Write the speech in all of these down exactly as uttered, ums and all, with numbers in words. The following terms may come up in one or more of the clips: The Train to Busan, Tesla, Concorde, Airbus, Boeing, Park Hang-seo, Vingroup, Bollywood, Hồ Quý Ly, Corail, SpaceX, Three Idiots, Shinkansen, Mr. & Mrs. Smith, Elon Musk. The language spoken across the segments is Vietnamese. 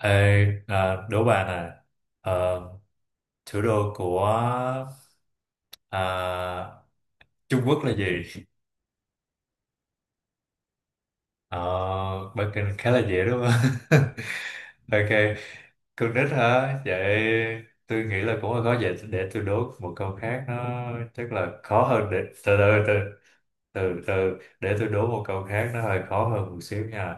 Ê, à, đố bà nè. Ờ, thủ đô của, à, Trung Quốc là gì? Ờ, Bắc Kinh khá là dễ đúng không? Ok, con nít hả? Vậy tôi nghĩ là cũng là có vậy, để tôi đố một câu khác. Nó chắc là khó hơn. Để từ từ từ từ từ, để tôi đố một câu khác, nó hơi khó hơn một xíu nha.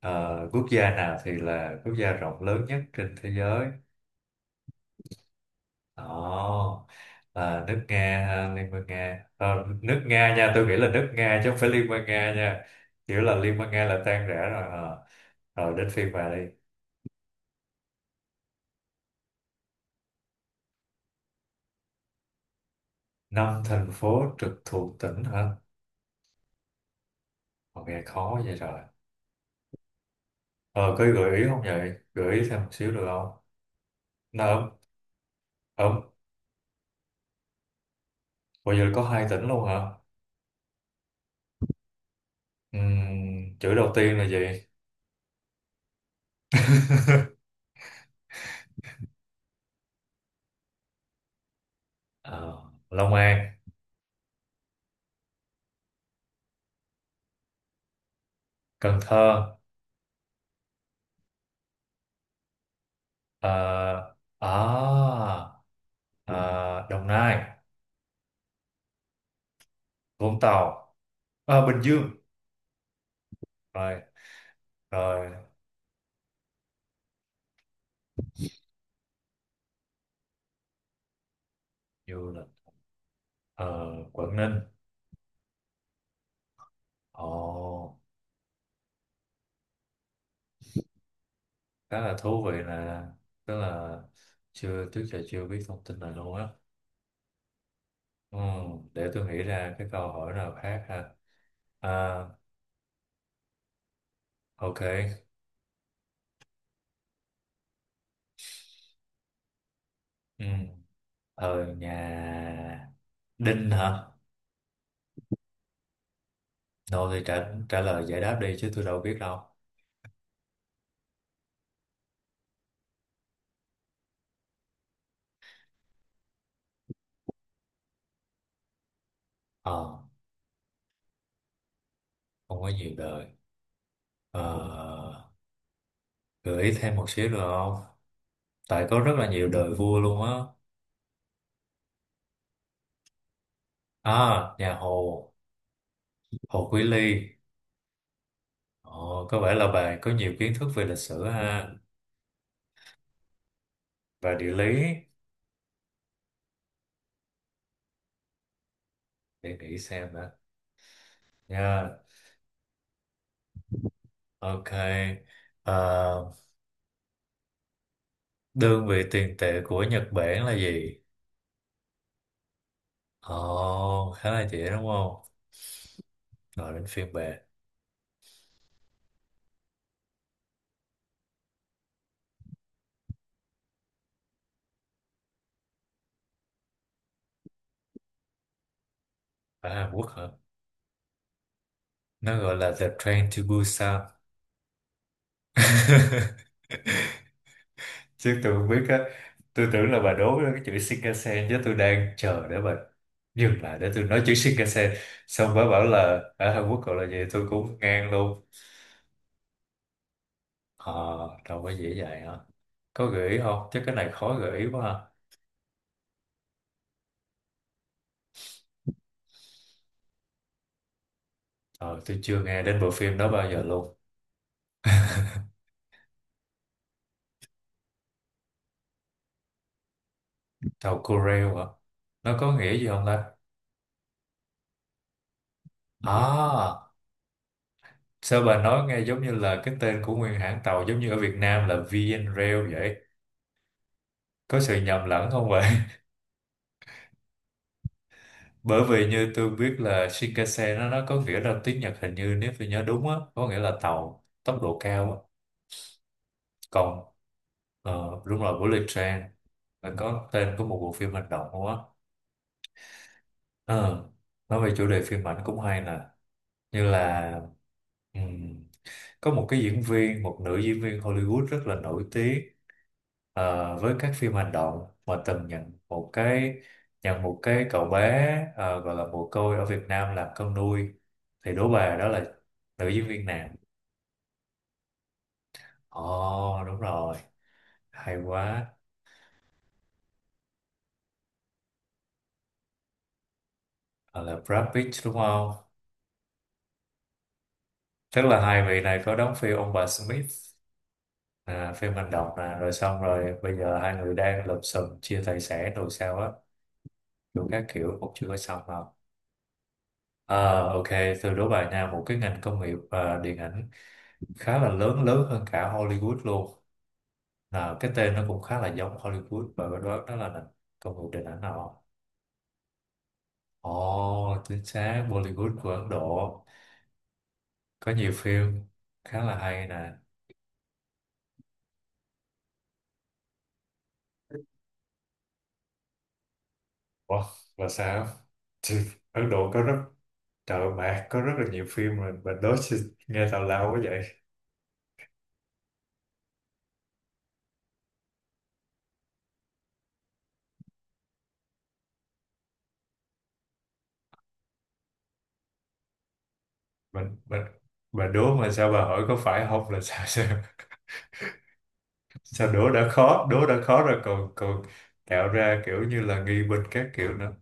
Ờ, quốc gia nào thì là quốc gia rộng lớn nhất trên thế giới? Ồ, là nước Nga ha, Liên bang Nga. Ờ, nước Nga nha, tôi nghĩ là nước Nga chứ không phải Liên bang Nga nha. Kiểu là Liên bang Nga là tan rã rồi. ờ. Rồi đến phiên bà đi. Năm thành phố trực thuộc tỉnh hả? Ờ, nghe khó vậy rồi. Ờ, có gợi ý không vậy? Gợi ý thêm một xíu được không? Nó ở, ở, bây giờ có hai tỉnh luôn hả? Ừm, chữ đầu tiên là gì? Ờ, Long An, Cần Thơ, ờ, à, ờ, Đồng Nai. Vũng Tàu, à, Bình Dương, rồi rồi du lịch, ờ, Quảng Ninh. Ồ, khá là thú vị, là tức là chưa, trước giờ chưa biết thông tin này luôn á. Ừ, để tôi nghĩ ra cái câu hỏi nào khác ha. À, ok. Ừ. Thời nhà Đinh hả? Đâu thì trả trả lời giải đáp đi chứ tôi đâu biết đâu. Ờ, không có nhiều đời. Ờ, gợi ý thêm một xíu được không, tại có rất là nhiều đời vua luôn á. À, nhà Hồ, Hồ Quý Ly. Ồ, có vẻ là bà có nhiều kiến thức về lịch sử ha, và địa lý. Để nghĩ xem đã. Nha, ok. À, đơn vị tiền tệ của Nhật Bản là gì? Ồ, khá là dễ đúng không? Rồi đến phiên bà. Ở Hàn Quốc hả? Nó gọi là The Train to Busan. Chứ tôi không biết á. Tôi tưởng là bà đố cái chữ Shinkansen, chứ tôi đang chờ để bà dừng lại để tôi nói chữ Shinkansen, xong bà bảo là ở Hàn Quốc gọi là gì, tôi cũng ngang luôn. Ờ, đâu có dễ vậy hả? Có gợi ý không, chứ cái này khó gợi ý quá à. Ờ, tôi chưa nghe đến bộ phim đó bao giờ luôn. Tàu Corail hả? Nó có nghĩa gì không ta? À, sao bà nói nghe giống như là cái tên của nguyên hãng tàu, giống như ở Việt Nam là vê en Rail vậy. Có sự nhầm lẫn không? Bởi vì như tôi biết là Shinkansen nó nó có nghĩa là tiếng Nhật, hình như nếu tôi nhớ đúng á, có nghĩa là tàu tốc độ cao á. Còn, ờ, đúng rồi, Bullet Train là có tên của một bộ phim hành động luôn á. Ờ, nói về chủ đề phim ảnh cũng hay nè, như là, ừm, có một cái diễn viên một nữ diễn viên Hollywood rất là nổi tiếng. Ờ, với các phim hành động, mà từng nhận một cái nhận một cái cậu bé, ờ, gọi là mồ côi ở Việt Nam làm con nuôi. Thì Đỗ Bà đó là nữ diễn viên nam. Ồ đúng rồi, hay quá. Hoặc là Brad Pitt đúng không? Tức là hai vị này có đóng phim ông bà Smith, à, phim hành động nè, rồi xong rồi bây giờ hai người đang lụm xùm chia tài sản rồi sao á, đủ các kiểu cũng chưa có xong đâu. Ờ, ok, từ đố bài Nam một cái ngành công nghiệp và điện ảnh khá là lớn, lớn hơn cả Hollywood luôn, là cái tên nó cũng khá là giống Hollywood, và đó đó đó là nền công nghiệp điện ảnh nào không? Ồ, chính xác, Bollywood của Ấn Độ có nhiều phim khá là hay nè. Ủa, và sao? Thì Ấn Độ có rất, trời ơi, mẹ có rất là nhiều phim mà bà đố chứ nghe tào lao quá vậy. Mình mình bà đố mà sao bà hỏi có phải không là sao sao, sao đố đã khó, đố đã khó rồi, còn còn tạo ra kiểu như là nghi binh các kiểu nữa.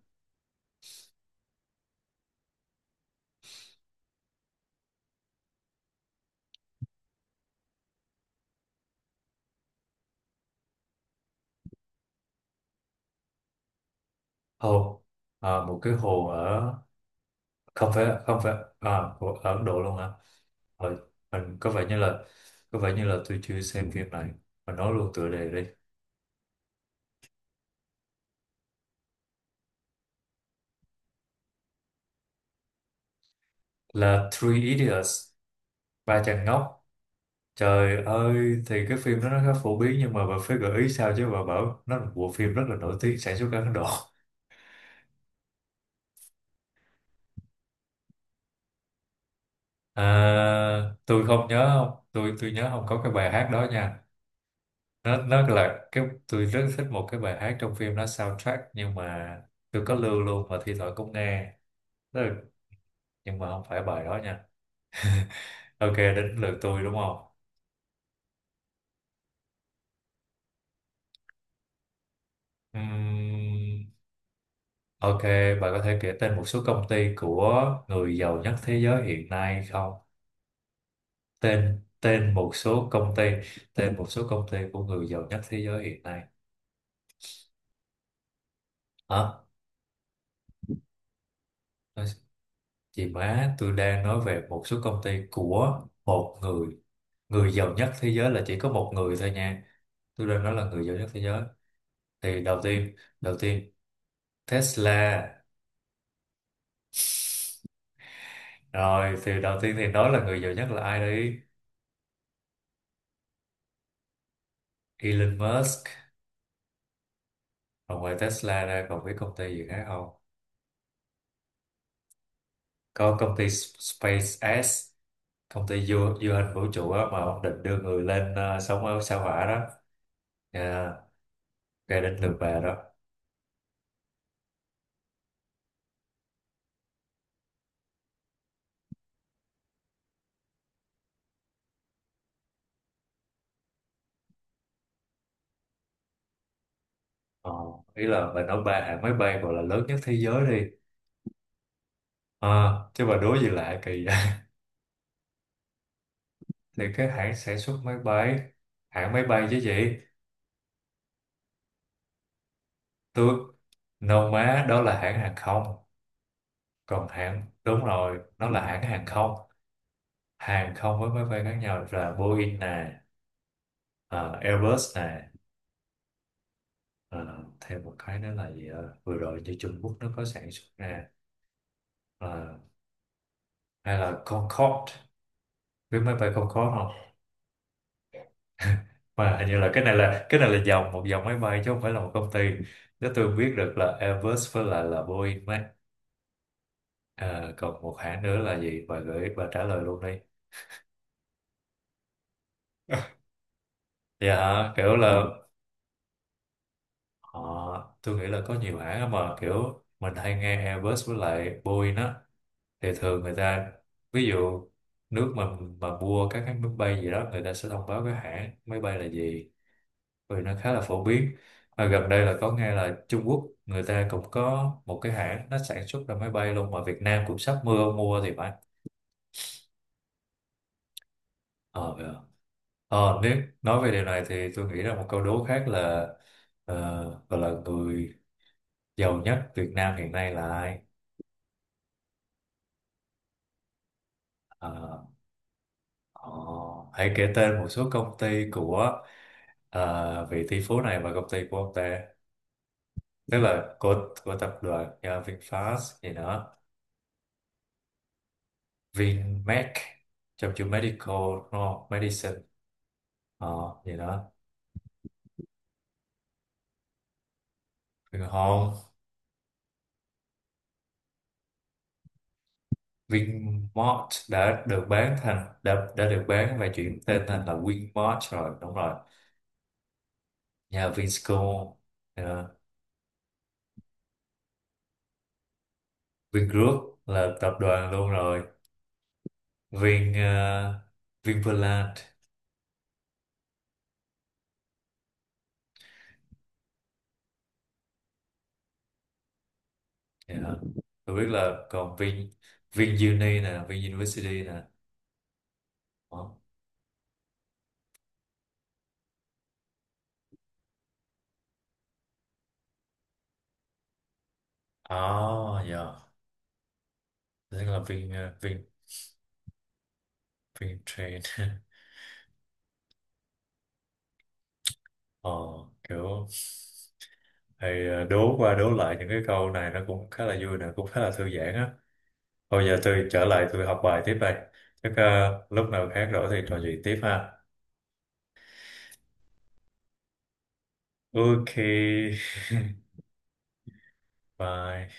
Hồ? À, một cái hồ ở, không phải, không phải. À, hồ ở Ấn Độ luôn hả? Rồi, mình có vẻ như là có vẻ như là tôi chưa xem phim này. Mình nói luôn tựa đề đi. Là Three Idiots, ba chàng ngốc. Trời ơi, thì cái phim đó nó khá phổ biến, nhưng mà bà phải gợi ý sao, chứ bà bảo nó là một bộ phim rất là nổi tiếng sản xuất ở Ấn Độ. À, tôi không nhớ, không, tôi tôi nhớ không có cái bài hát đó nha. Nó nó là cái, tôi rất thích một cái bài hát trong phim, nó soundtrack, nhưng mà tôi có lưu luôn và thi thoảng cũng nghe. Tức là- nhưng mà không phải bài đó nha. Ok, đến lượt tôi đúng không? Ừm, ok, bạn có thể kể tên một số công ty của người giàu nhất thế giới hiện nay không? Tên tên một số công ty, tên một số công ty của người giàu nhất thế giới hiện nay. Hả? Chị má, tôi đang nói về một số công ty của một người. Người giàu nhất thế giới là chỉ có một người thôi nha. Tôi đang nói là người giàu nhất thế giới. Thì đầu tiên, đầu tiên Tesla. Rồi, thì đầu tiên thì nói là người giàu nhất là ai đi? Elon Musk. Rồi ngoài Tesla ra còn biết công ty gì khác không? Có công ty SpaceX, công ty du, du hành vũ trụ á, mà ông định đưa người lên, ờ, sống ở sao hỏa đó. Nha, cái đến lượt bà đó. Ờ, ý là bà nói ba hãng máy bay gọi là lớn nhất thế giới đi, ờ, chứ bà đố gì lạ kỳ vậy. Thì cái hãng sản xuất máy bay, hãng máy bay chứ gì. Tôi nâu má, đó là hãng hàng không. Còn hãng, đúng rồi, nó là hãng hàng không, hàng không với máy bay khác nhau, là Boeing nè, ờ, Airbus nè, ờ, thêm một cái nữa là gì, ờ, vừa rồi như Trung Quốc nó có sản xuất nè, ờ, hay là Concorde. Biết máy bay Concorde không? Mà hình như là cái này là cái này là dòng, một dòng máy bay chứ không phải là một công ty. Nếu tôi biết được là Airbus với lại là Boeing ấy. Ờ, còn một hãng nữa là gì, bà gửi, bà trả lời luôn đi. Dạ hả? Kiểu là họ, tôi nghĩ là có nhiều hãng á, mà kiểu mình hay nghe Airbus với lại Boeing á, thì thường người ta, ví dụ, nước mà mà mua các cái máy bay gì đó, người ta sẽ thông báo cái hãng máy bay là gì, vì nó khá là phổ biến. Và gần đây là có nghe là Trung Quốc người ta cũng có một cái hãng, nó sản xuất ra máy bay luôn, mà Việt Nam cũng sắp mưa mua thì phải. Ờ, ờ. Ờ, nếu nói về điều này thì tôi nghĩ là một câu đố khác là, ờ, gọi là người giàu nhất Việt Nam hiện nay là ai? Ờ, ờ, hãy kể tên một số công ty của, ờ, vị tỷ phú này, và công ty của ông ta, tức là của của tập đoàn, ờ, VinFast gì đó. VinMed, trong chữ medical đúng không? Medicine. Ờ, gì đó. Vin Home. Vinmart đã được bán thành, đã, đã được bán và chuyển tên thành là Vinmart rồi, đúng rồi. Nhà Vinschool. Ờ, Vingroup là tập đoàn luôn rồi. Vin uh, Vinpearland. Dạ. Tôi biết là còn Vin, VinUni nè, VinUniversity nè. Đó. À dạ, tức là Vin ờ, Vin Vintrain. Ờ, kiểu, hay ờ, đố qua đố lại những cái câu này nó cũng khá là vui nè, cũng khá là thư giãn á. Thôi giờ tôi trở lại tôi học bài tiếp đây, chắc ờ, lúc nào khác rỗi thì trò chuyện tiếp ha. Ok. Bye.